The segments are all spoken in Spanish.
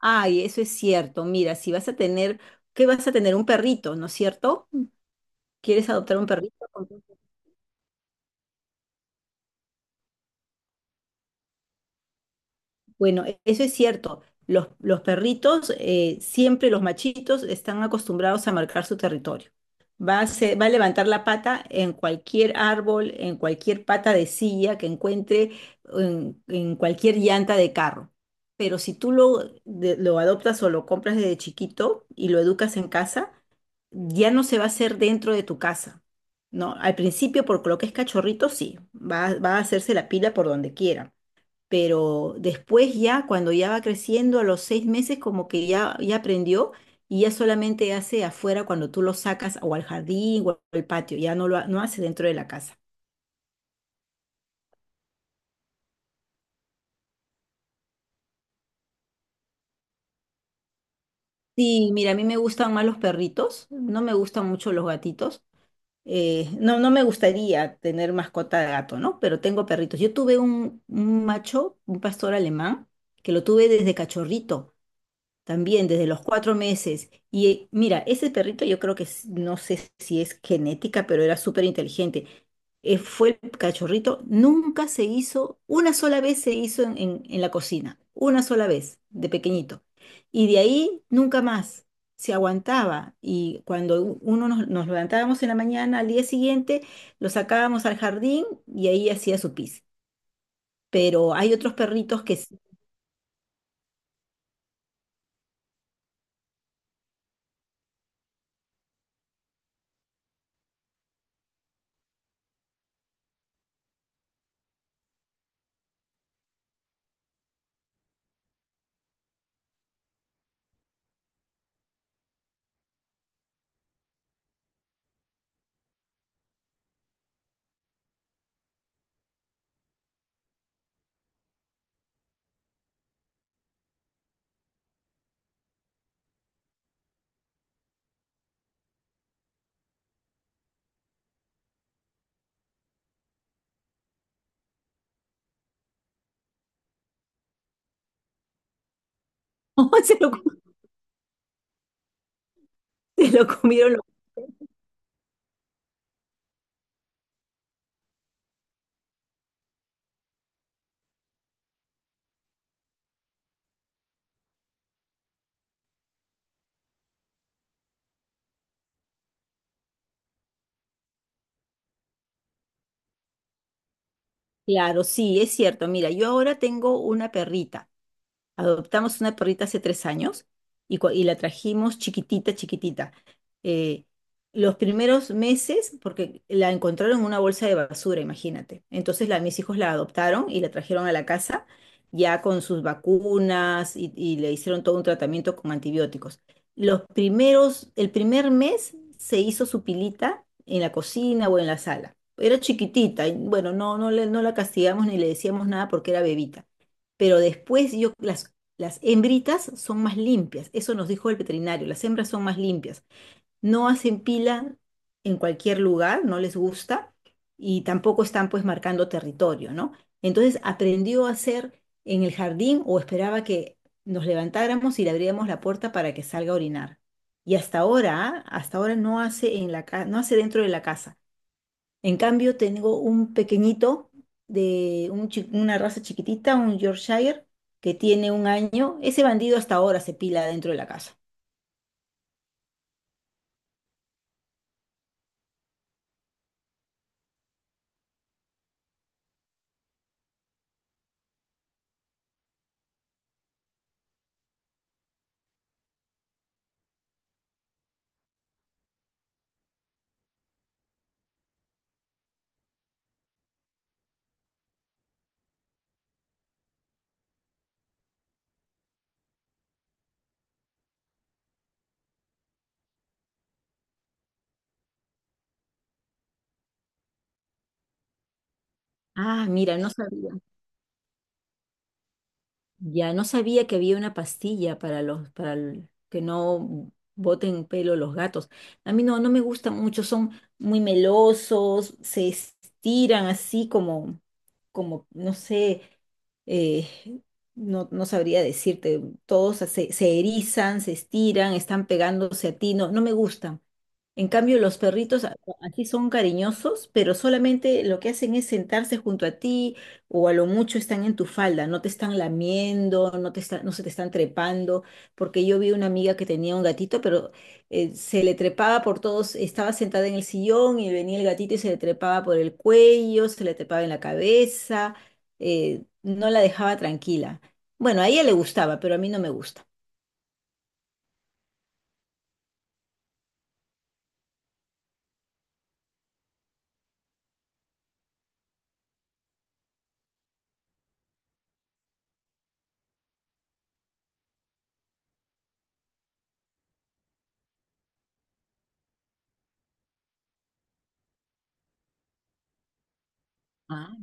Ay, eso es cierto. Mira, si vas a tener, ¿qué vas a tener? Un perrito, ¿no es cierto? ¿Quieres adoptar un perrito? Bueno, eso es cierto. Los perritos, siempre los machitos, están acostumbrados a marcar su territorio. Va a levantar la pata en cualquier árbol, en cualquier pata de silla que encuentre, en cualquier llanta de carro. Pero si tú lo adoptas o lo compras desde chiquito y lo educas en casa, ya no se va a hacer dentro de tu casa, ¿no? Al principio, por lo que es cachorrito, sí, va a hacerse la pila por donde quiera, pero después ya, cuando ya va creciendo, a los 6 meses, como que ya, ya aprendió y ya solamente hace afuera cuando tú lo sacas o al jardín o al patio, ya no lo no hace dentro de la casa. Sí, mira, a mí me gustan más los perritos, no me gustan mucho los gatitos, no, no me gustaría tener mascota de gato, ¿no? Pero tengo perritos. Yo tuve un macho, un pastor alemán, que lo tuve desde cachorrito. También desde los 4 meses. Y mira, ese perrito yo creo que no sé si es genética, pero era súper inteligente. Fue el cachorrito, nunca se hizo, una sola vez se hizo en la cocina, una sola vez, de pequeñito. Y de ahí nunca más, se aguantaba. Y cuando uno nos levantábamos en la mañana, al día siguiente, lo sacábamos al jardín y ahí hacía su pis. Pero hay otros perritos que sí, se lo, se lo comieron. Claro, sí, es cierto. Mira, yo ahora tengo una perrita. Adoptamos una perrita hace 3 años y la trajimos chiquitita, chiquitita. Eh, los primeros meses, porque la encontraron en una bolsa de basura, imagínate. Entonces mis hijos la adoptaron y la trajeron a la casa ya con sus vacunas y le hicieron todo un tratamiento con antibióticos. Los primeros, el primer mes se hizo su pilita en la cocina o en la sala. Era chiquitita y bueno, no, no, no la castigamos ni le decíamos nada porque era bebita. Pero después yo, las hembritas son más limpias, eso nos dijo el veterinario, las hembras son más limpias, no hacen pila en cualquier lugar, no les gusta y tampoco están pues marcando territorio, ¿no? Entonces aprendió a hacer en el jardín o esperaba que nos levantáramos y le abríamos la puerta para que salga a orinar. Y hasta ahora, ¿ah? Hasta ahora no hace en la no hace dentro de la casa. En cambio, tengo un pequeñito de un una raza chiquitita, un Yorkshire, que tiene un año. Ese bandido hasta ahora se pila dentro de la casa. Ah, mira, no sabía. Ya no sabía que había una pastilla para los, para el- que no boten pelo los gatos. A mí no, no me gustan mucho, son muy melosos, se estiran así como, no sé, eh, no, no sabría decirte, todos se, se erizan, se estiran, están pegándose a ti, no, no me gustan. En cambio, los perritos así son cariñosos, pero solamente lo que hacen es sentarse junto a ti o a lo mucho están en tu falda, no te están lamiendo, no te no se te están trepando, porque yo vi una amiga que tenía un gatito, pero se le trepaba por todos, estaba sentada en el sillón y venía el gatito y se le trepaba por el cuello, se le trepaba en la cabeza, no la dejaba tranquila. Bueno, a ella le gustaba, pero a mí no me gusta. Ah,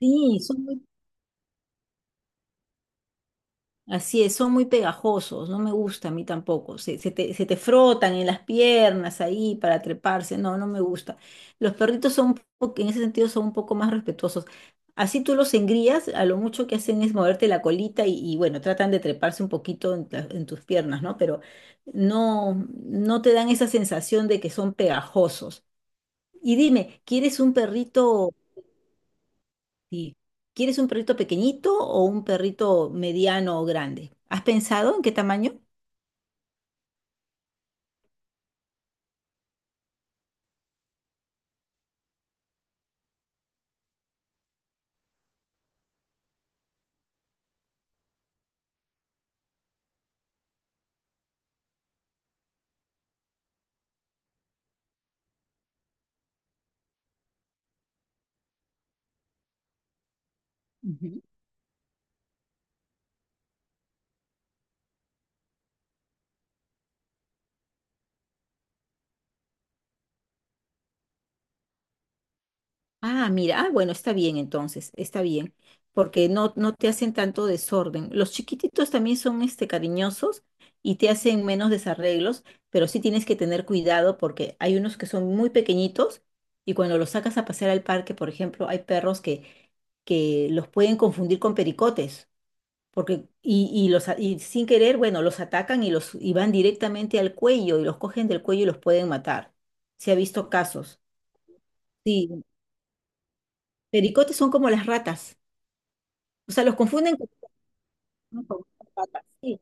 sí, son muy. Así es, son muy pegajosos, no me gusta a mí tampoco. Se, se te frotan en las piernas ahí para treparse, no, no me gusta. Los perritos en ese sentido, son un poco más respetuosos. Así tú los engrías, a lo mucho que hacen es moverte la colita bueno, tratan de treparse un poquito en tus piernas, ¿no? Pero no, no te dan esa sensación de que son pegajosos. Y dime, ¿quieres un perrito? Sí. ¿Quieres un perrito pequeñito o un perrito mediano o grande? ¿Has pensado en qué tamaño? Ujú. Ah, mira, bueno, está bien entonces, está bien, porque no, no te hacen tanto desorden. Los chiquititos también son este, cariñosos y te hacen menos desarreglos, pero sí tienes que tener cuidado porque hay unos que son muy pequeñitos y cuando los sacas a pasear al parque, por ejemplo, hay perros que los pueden confundir con pericotes. Porque, y sin querer, bueno, los atacan, y van directamente al cuello y los cogen del cuello y los pueden matar. Se ha visto casos. Sí, pericotes son como las ratas. O sea, los confunden con, ¿no? Con ratas. Sí.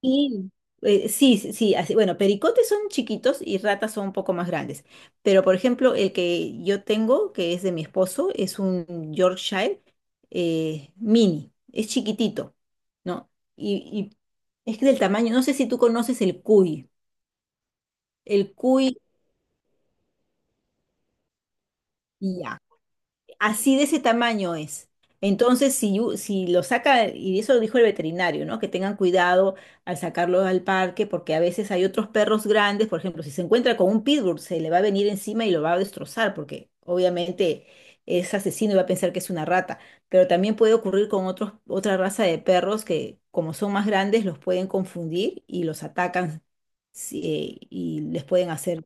Y, sí, sí, sí, así, bueno, pericotes son chiquitos y ratas son un poco más grandes. Pero, por ejemplo, el que yo tengo, que es de mi esposo, es un Yorkshire mini, es chiquitito, ¿no? Y, y es que del tamaño, no sé si tú conoces el cuy, ya. Así de ese tamaño es. Entonces, si, si lo saca, y eso lo dijo el veterinario, ¿no? Que tengan cuidado al sacarlo al parque, porque a veces hay otros perros grandes, por ejemplo, si se encuentra con un pitbull, se le va a venir encima y lo va a destrozar, porque obviamente es asesino y va a pensar que es una rata. Pero también puede ocurrir con otra raza de perros que, como son más grandes, los pueden confundir y los atacan, sí, y les pueden hacer.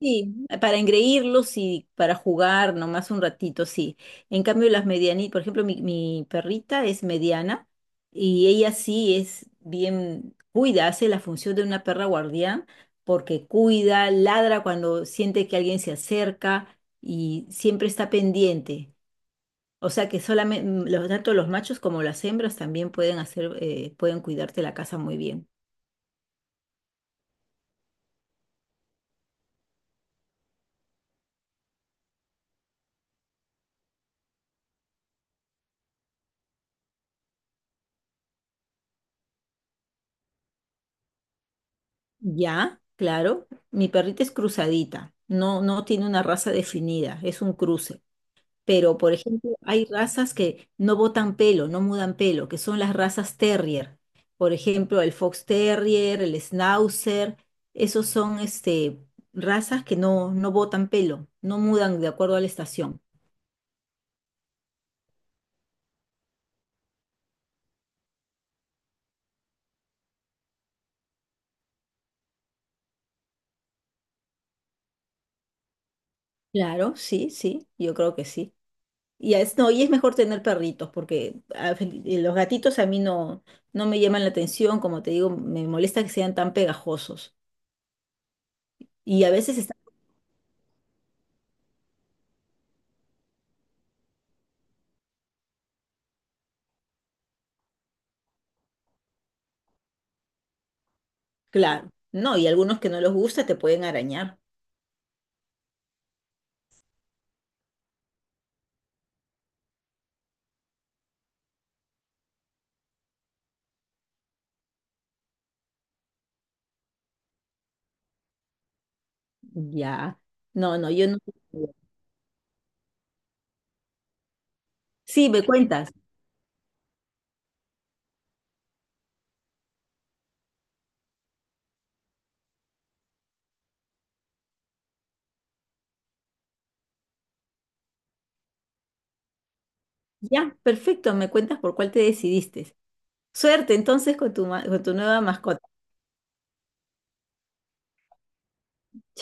Sí, para engreírlos y para jugar nomás un ratito, sí. En cambio, las medianitas, por ejemplo, mi perrita es mediana y ella sí es bien, cuida, hace la función de una perra guardián porque cuida, ladra cuando siente que alguien se acerca y siempre está pendiente. O sea que solamente, tanto los machos como las hembras también pueden hacer, pueden cuidarte la casa muy bien. Ya, claro. Mi perrita es cruzadita, no, no tiene una raza definida, es un cruce. Pero, por ejemplo, hay razas que no botan pelo, no mudan pelo, que son las razas terrier. Por ejemplo, el Fox Terrier, el Schnauzer, esos son este, razas que no, no botan pelo, no mudan de acuerdo a la estación. Claro, sí, sí, yo creo que sí. Y es, no, y es mejor tener perritos, porque a los gatitos a mí no, no me llaman la atención, como te digo, me molesta que sean tan pegajosos. Y a veces están, claro, no, y algunos que no los gusta te pueden arañar. Ya, no, no, yo no. Sí, me cuentas. Ya, perfecto, me cuentas por cuál te decidiste. Suerte entonces con tu, con tu nueva mascota.